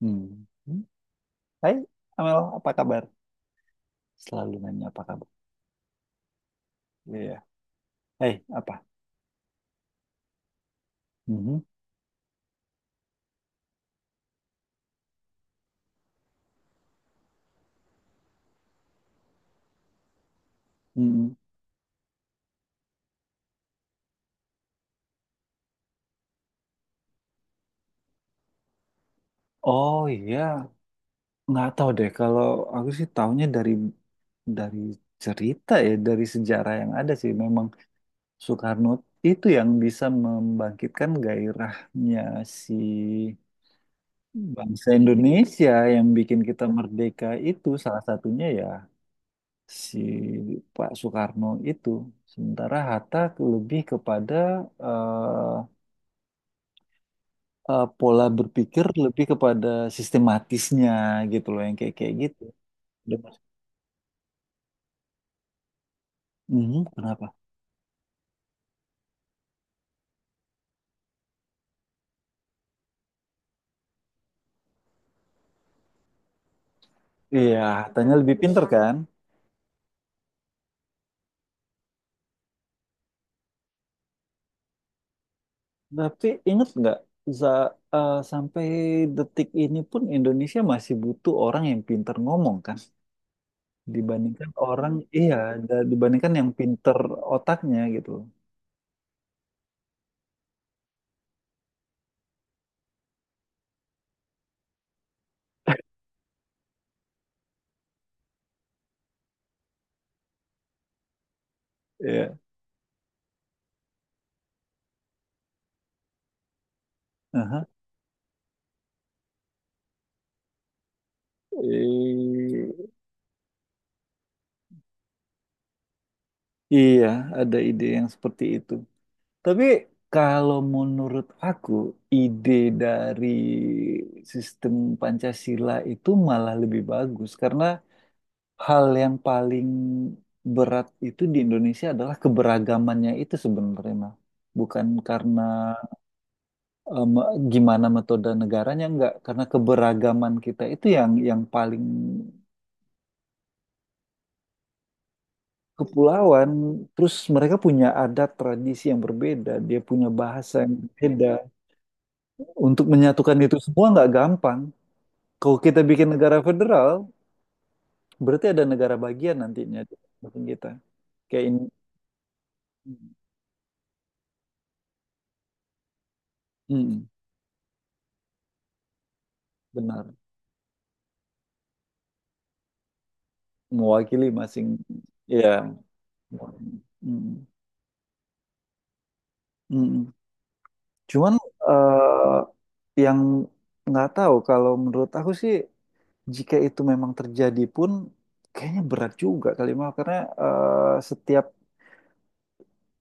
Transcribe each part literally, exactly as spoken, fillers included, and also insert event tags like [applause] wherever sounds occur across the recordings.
Hmm. Hai, Amel, apa kabar? Selalu nanya apa kabar. Iya. Hai, apa? Mhm. Mhm. Oh iya, nggak tahu deh. Kalau aku sih taunya dari dari cerita ya, dari sejarah yang ada sih. Memang Soekarno itu yang bisa membangkitkan gairahnya si bangsa Indonesia yang bikin kita merdeka itu salah satunya ya si Pak Soekarno itu. Sementara Hatta lebih kepada eh, eh, pola berpikir lebih kepada sistematisnya gitu loh yang kayak kayak gitu. Dia masuk, "Mhm, kenapa? Iya, Hattanya lebih pinter kan? Tapi inget nggak za- eh, sampai detik ini pun Indonesia masih butuh orang yang pinter ngomong kan? Dibandingkan orang, iya, da- dibandingkan yang pinter otaknya gitu. Iya. Aha. Eh, iya, ada ide yang seperti itu. Tapi kalau menurut aku, ide dari sistem Pancasila itu malah lebih bagus karena hal yang paling berat itu di Indonesia adalah keberagamannya itu sebenarnya, Mah. Bukan karena em, gimana metode negaranya, enggak, karena keberagaman kita itu yang yang paling kepulauan, terus mereka punya adat tradisi yang berbeda, dia punya bahasa yang berbeda. Untuk menyatukan itu semua nggak gampang. Kalau kita bikin negara federal, berarti ada negara bagian nantinya di samping kita. Kayak ini, mm, benar, mewakili masing, ya. Mm, mm. Cuman eh, yang nggak tahu kalau menurut aku sih, jika itu memang terjadi pun, kayaknya berat juga kali, Mal, karena eh, setiap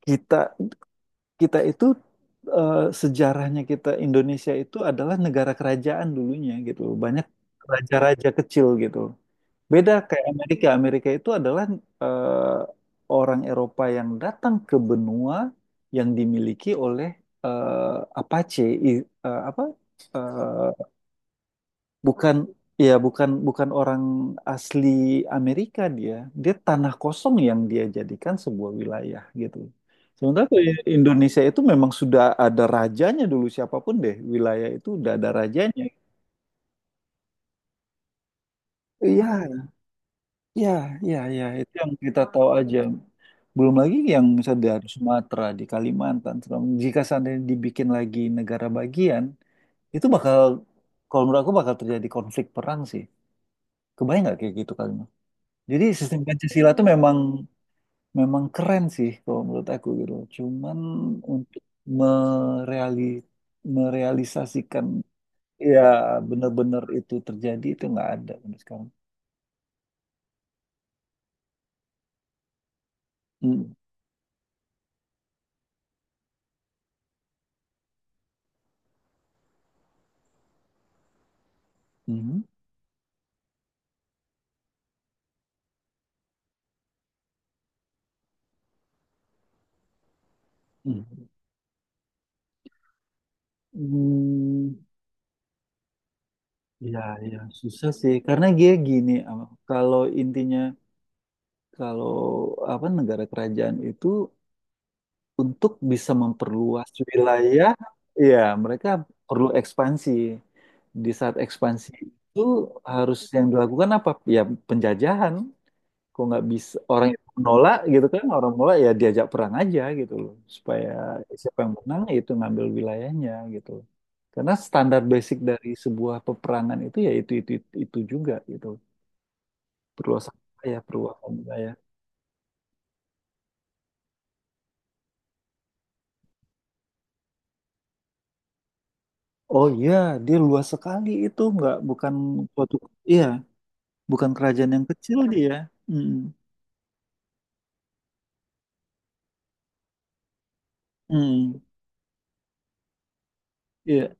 kita kita itu eh, sejarahnya kita Indonesia itu adalah negara kerajaan dulunya gitu loh. Banyak raja-raja kecil gitu. Beda kayak Amerika. Amerika itu adalah eh, orang Eropa yang datang ke benua yang dimiliki oleh eh, Apache, i- eh, apa? eh, bukan, ya bukan bukan orang asli Amerika dia, dia tanah kosong yang dia jadikan sebuah wilayah gitu, sementara tuh i- Indonesia itu memang sudah ada rajanya dulu, siapapun deh wilayah itu udah ada rajanya. Iya, iya, iya, iya. Itu yang kita tahu aja. Belum lagi yang misalnya dari Sumatera, di Kalimantan, segala macam. Jika seandainya dibikin lagi negara bagian, itu bakal, kalau menurut aku bakal terjadi konflik perang sih. Kebayang nggak kayak gitu kan? Jadi sistem Pancasila tuh memang memang keren sih kalau menurut aku gitu. Cuman untuk mereali merealisasikan ya benar-benar itu terjadi itu nggak ada untuk sekarang. Mm. Mhm. Mm. Mm. Ya, ya susah sih karena dia gini, Am. Kalau intinya, kalau apa, negara kerajaan itu untuk bisa memperluas wilayah, ya mereka perlu ekspansi. Di saat ekspansi itu harus yang dilakukan apa? Ya penjajahan. Kok nggak bisa orang yang menolak gitu kan? Orang menolak ya diajak perang aja gitu loh. Supaya siapa yang menang ya itu ngambil wilayahnya gitu loh. Karena standar basic dari sebuah peperangan itu ya itu itu itu, itu juga gitu. Perluasan wilayah, perluasan wilayah. Oh iya, dia luas sekali itu, nggak, bukan suatu, iya. Bukan kerajaan yang kecil dia. Mm, mm, iya.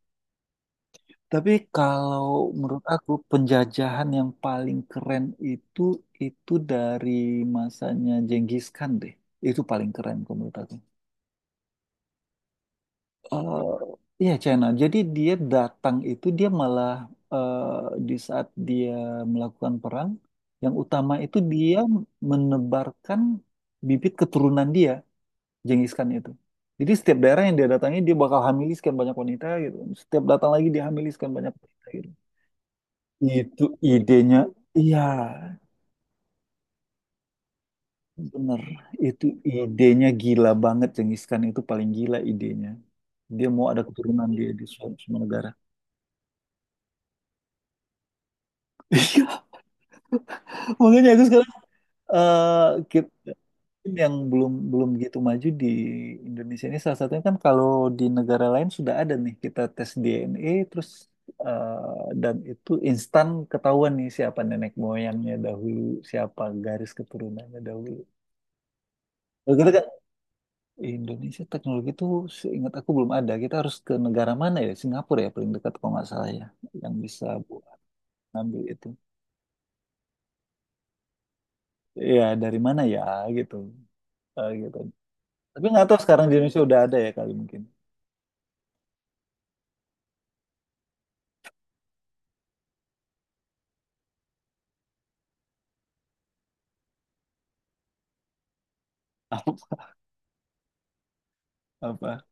Tapi kalau menurut aku penjajahan yang paling keren itu itu dari masanya Genghis Khan deh. Itu paling keren kalau menurut aku. Eh, Iya, China. Jadi dia datang itu dia malah eh, di saat dia melakukan perang yang utama itu dia menebarkan bibit keturunan dia. Genghis Khan itu. Jadi setiap daerah yang dia datangi dia bakal hamiliskan banyak wanita gitu. Setiap datang lagi dia hamiliskan banyak wanita gitu. Itu idenya, iya, bener. Itu idenya gila banget, Genghis Khan itu paling gila idenya. Dia mau ada keturunan dia di semua, semua negara. [laughs] Iya, makanya aku sekarang eh, kit- tim yang belum belum gitu maju di Indonesia ini salah satunya kan, kalau di negara lain sudah ada nih kita tes D N A terus, eh, dan itu instan ketahuan nih siapa nenek moyangnya dahulu, siapa garis keturunannya dahulu. Kalau kita kan Indonesia teknologi itu seingat aku belum ada. Kita harus ke negara mana ya? Singapura ya paling dekat kalau nggak salah ya yang bisa bu- ngambil itu. Ya dari mana ya gitu. Eh, gitu. Tapi nggak tahu sekarang di Indonesia udah ada ya kali mungkin. [laughs] Apa?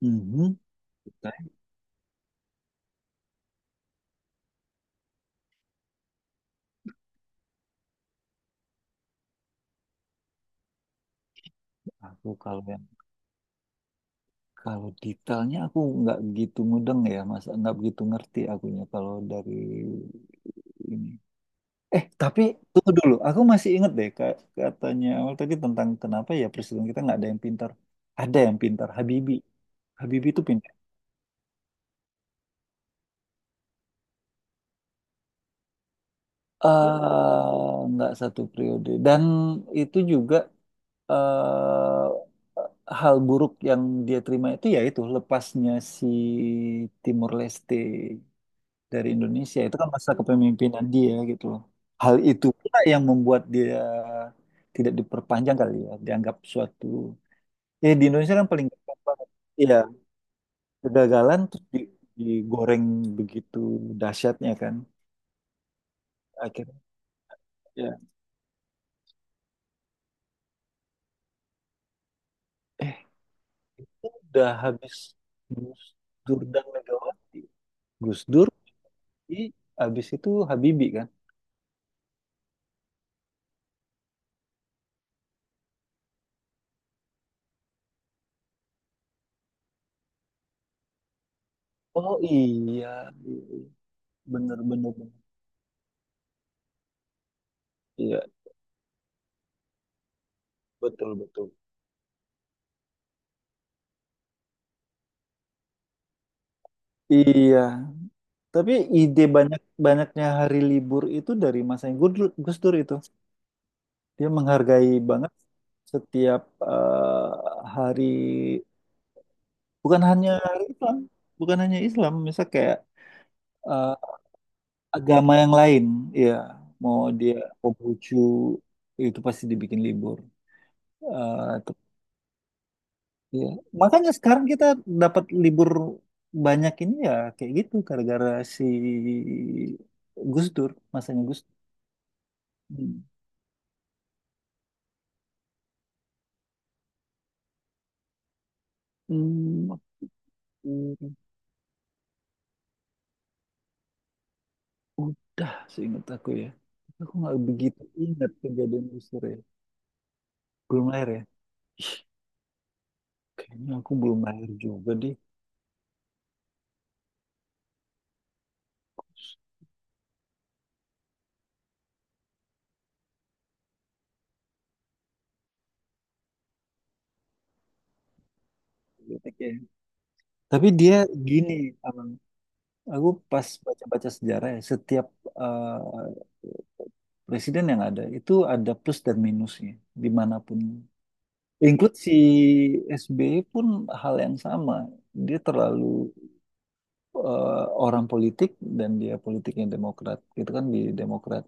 Mhm. Detail. Aku kalau yang, kalau detailnya aku nggak gitu mudeng ya, Mas. Nggak begitu ngerti akunya kalau dari ini. Eh, tapi tunggu dulu. Aku masih inget deh ka- katanya awal tadi tentang kenapa ya presiden kita nggak ada yang pintar. Ada yang pintar, Habibie. Habibie itu pintar. Eh, nggak satu periode. Dan itu juga eh hal buruk yang dia terima itu yaitu lepasnya si Timor Leste dari Indonesia itu kan masa kepemimpinan dia gitu loh. Hal itu pula yang membuat dia tidak diperpanjang kali ya, dianggap suatu, ya di Indonesia kan paling gampang banget. Iya, kegagalan terus di- digoreng begitu dahsyatnya kan. Akhirnya ya, eh, udah habis Gus Dur dan Megawati. Gus Dur, i habis itu Habibie kan. Oh iya, iya, iya. Bener bener bener. Iya, betul betul. Iya, tapi ide banyak banyaknya hari libur itu dari masanya Gus Dur Gus Dur itu. Dia menghargai banget setiap eh, hari, bukan hanya hari Islam, bukan hanya Islam, misal kayak eh, agama yang lain, ya mau dia Konghucu itu pasti dibikin libur. Eh, te- Ya. Makanya sekarang kita dapat libur banyak ini ya kayak gitu gara-gara si Gus Dur, masanya Gus Dur. Hmm. Hmm. Hmm. Udah seingat aku ya. Tapi aku nggak begitu ingat kejadian booster ya. Belum lahir ya? Kayaknya aku belum lahir juga deh. Genetik ya. Tapi dia gini, Amang. Aku pas baca-baca sejarah ya, setiap eh, presiden yang ada itu ada plus dan minusnya dimanapun. Include si S B Y pun hal yang sama. Dia terlalu eh, orang politik, dan dia politiknya Demokrat. Itu kan di Demokrat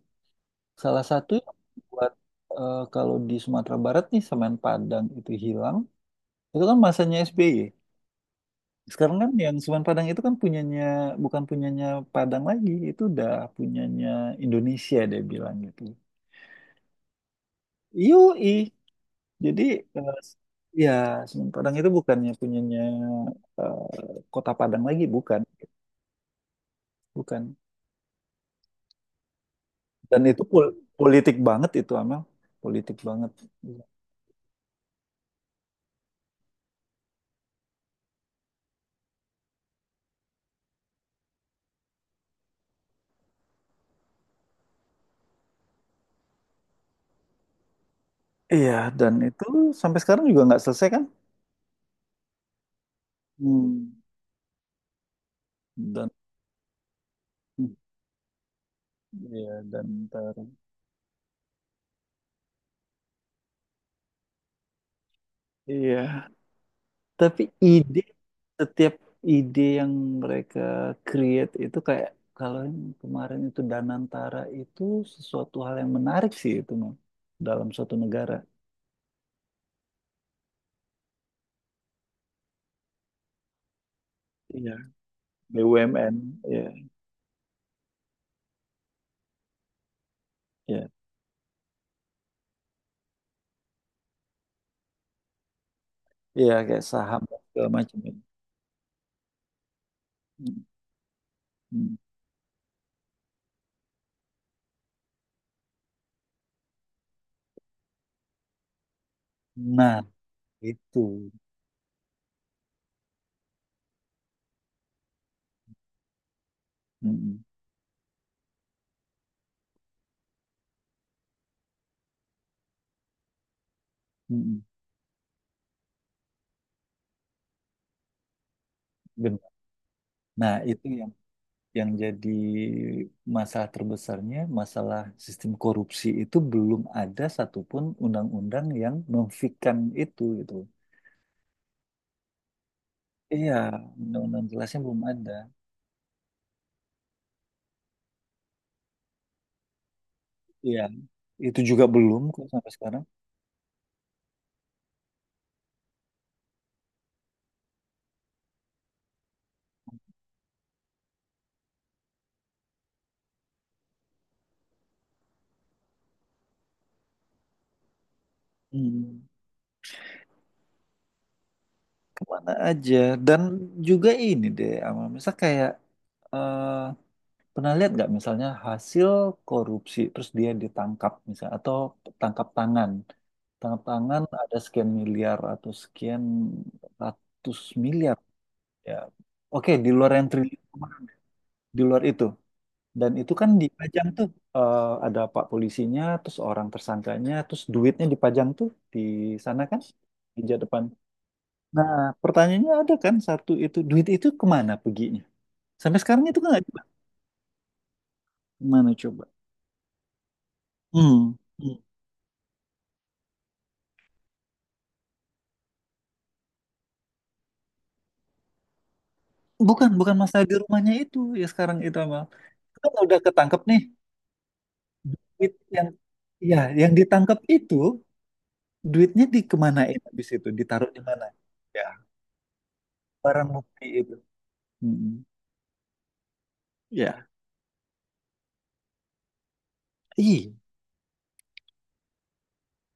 salah satu yang buat eh, kalau di Sumatera Barat nih semen Padang itu hilang, itu kan masanya S B Y. Sekarang kan yang semen Padang itu kan punyanya, bukan punyanya Padang lagi, itu udah punyanya Indonesia dia bilang gitu. Yoi. Jadi eh, ya semen Padang itu bukannya punyanya eh, Kota Padang lagi, bukan, bukan. Dan itu pol-, politik banget itu Amel, politik banget. Iya, dan itu sampai sekarang juga nggak selesai kan? Hmm. Dan, iya dan ntar, iya tapi ide, setiap ide yang mereka create itu kayak, kalau yang kemarin itu Danantara itu sesuatu hal yang menarik sih itu Mam, dalam suatu negara, iya B U M N, iya iya iya kayak saham dan segala macam ya. Mm, mm. Nah itu. Mm, mm, mm, mm. Benar. Nah itu yang yang jadi masalah terbesarnya, masalah sistem korupsi itu belum ada satupun undang-undang yang memfikan itu gitu. Iya, undang-undang jelasnya belum ada. Iya, itu juga belum kok sampai sekarang. Hmm, kemana aja? Dan juga ini deh, Amal. Misal kayak eh, pernah lihat nggak misalnya hasil korupsi terus dia ditangkap misalnya atau tangkap tangan. Tangkap tangan ada sekian miliar atau sekian ratus miliar ya. Oke, di luar yang triliun, di luar itu. Dan itu kan dipajang tuh, eh, ada pak polisinya, terus orang tersangkanya, terus duitnya dipajang tuh di sana kan, meja depan. Nah, pertanyaannya ada kan, satu, itu duit itu kemana peginya? Sampai sekarang itu kan nggak jelas. Kemana coba? Hmm. Hmm. Bukan, bukan masalah di rumahnya itu ya sekarang itu Amal. Kan udah ketangkep nih duit yang, ya yang ditangkep itu duitnya dikemanain, habis itu ditaruh di mana? Ya barang bukti itu. Mm-mm. Ya, iya,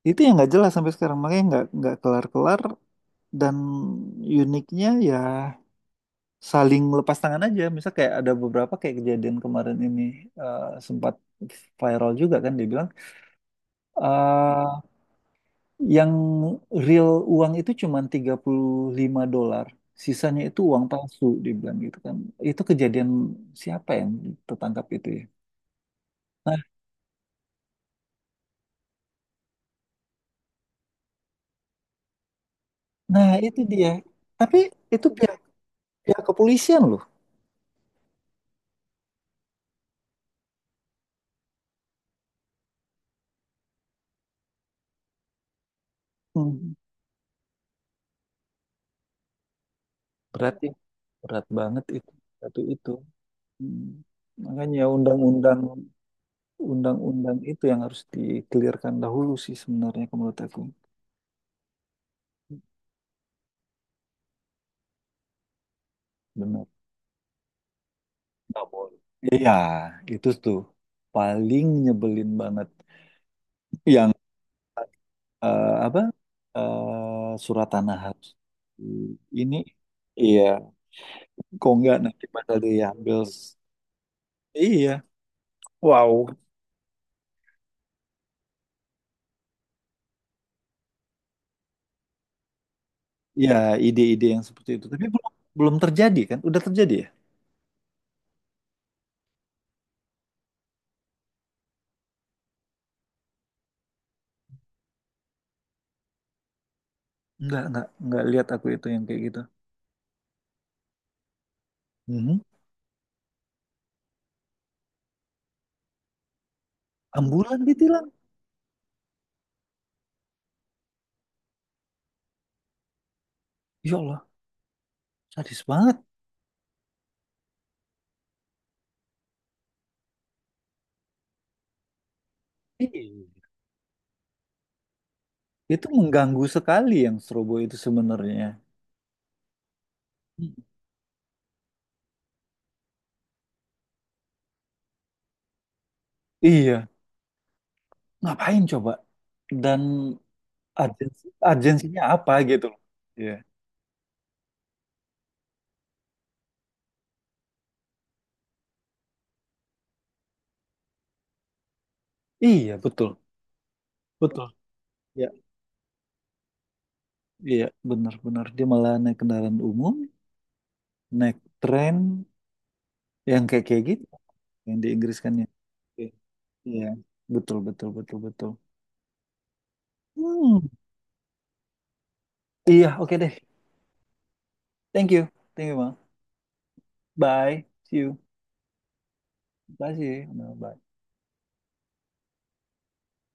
itu yang nggak jelas sampai sekarang makanya nggak nggak kelar-kelar, dan uniknya ya saling lepas tangan aja. Misal kayak ada beberapa kayak kejadian kemarin ini eh, sempat viral juga kan dia bilang, eh, yang real uang itu cuma tiga puluh lima dolar, sisanya itu uang palsu dibilang gitu kan. Itu kejadian siapa yang tertangkap itu ya? Nah, nah itu dia. Tapi itu pihak, pihak kepolisian loh. Hmm. Berat ya, berat banget itu, satu itu. Hmm. Makanya undang-undang, undang-undang itu yang harus dikelirkan dahulu sih sebenarnya kalau menurut aku. Benar. Nggak boleh. Iya, itu tuh paling nyebelin banget. Yang eh, apa eh, surat tanah harus di- ini, iya, kok nggak nanti bakal diambil, iya, wow. Ya ide-ide yang seperti itu tapi belum, belum terjadi kan udah terjadi ya. Nggak, nggak nggak lihat aku itu yang kayak gitu. Mhm. Ambulan ditilang. Ya Allah, sadis banget. Iya. Itu mengganggu sekali yang strobo itu sebenarnya. Mm. Iya, ngapain coba. Dan agensi, agensinya apa gitu loh. Iya. Iya, betul. Betul. Ya, iya, benar-benar dia malah naik kendaraan umum, naik tren yang kayak kayak gitu yang di Inggris kan ya. Oke. Iya, betul, betul, betul, betul. Hmm, iya, oke deh. Thank you, thank you, Bang. Bye, see you. Bye, see you. Bye.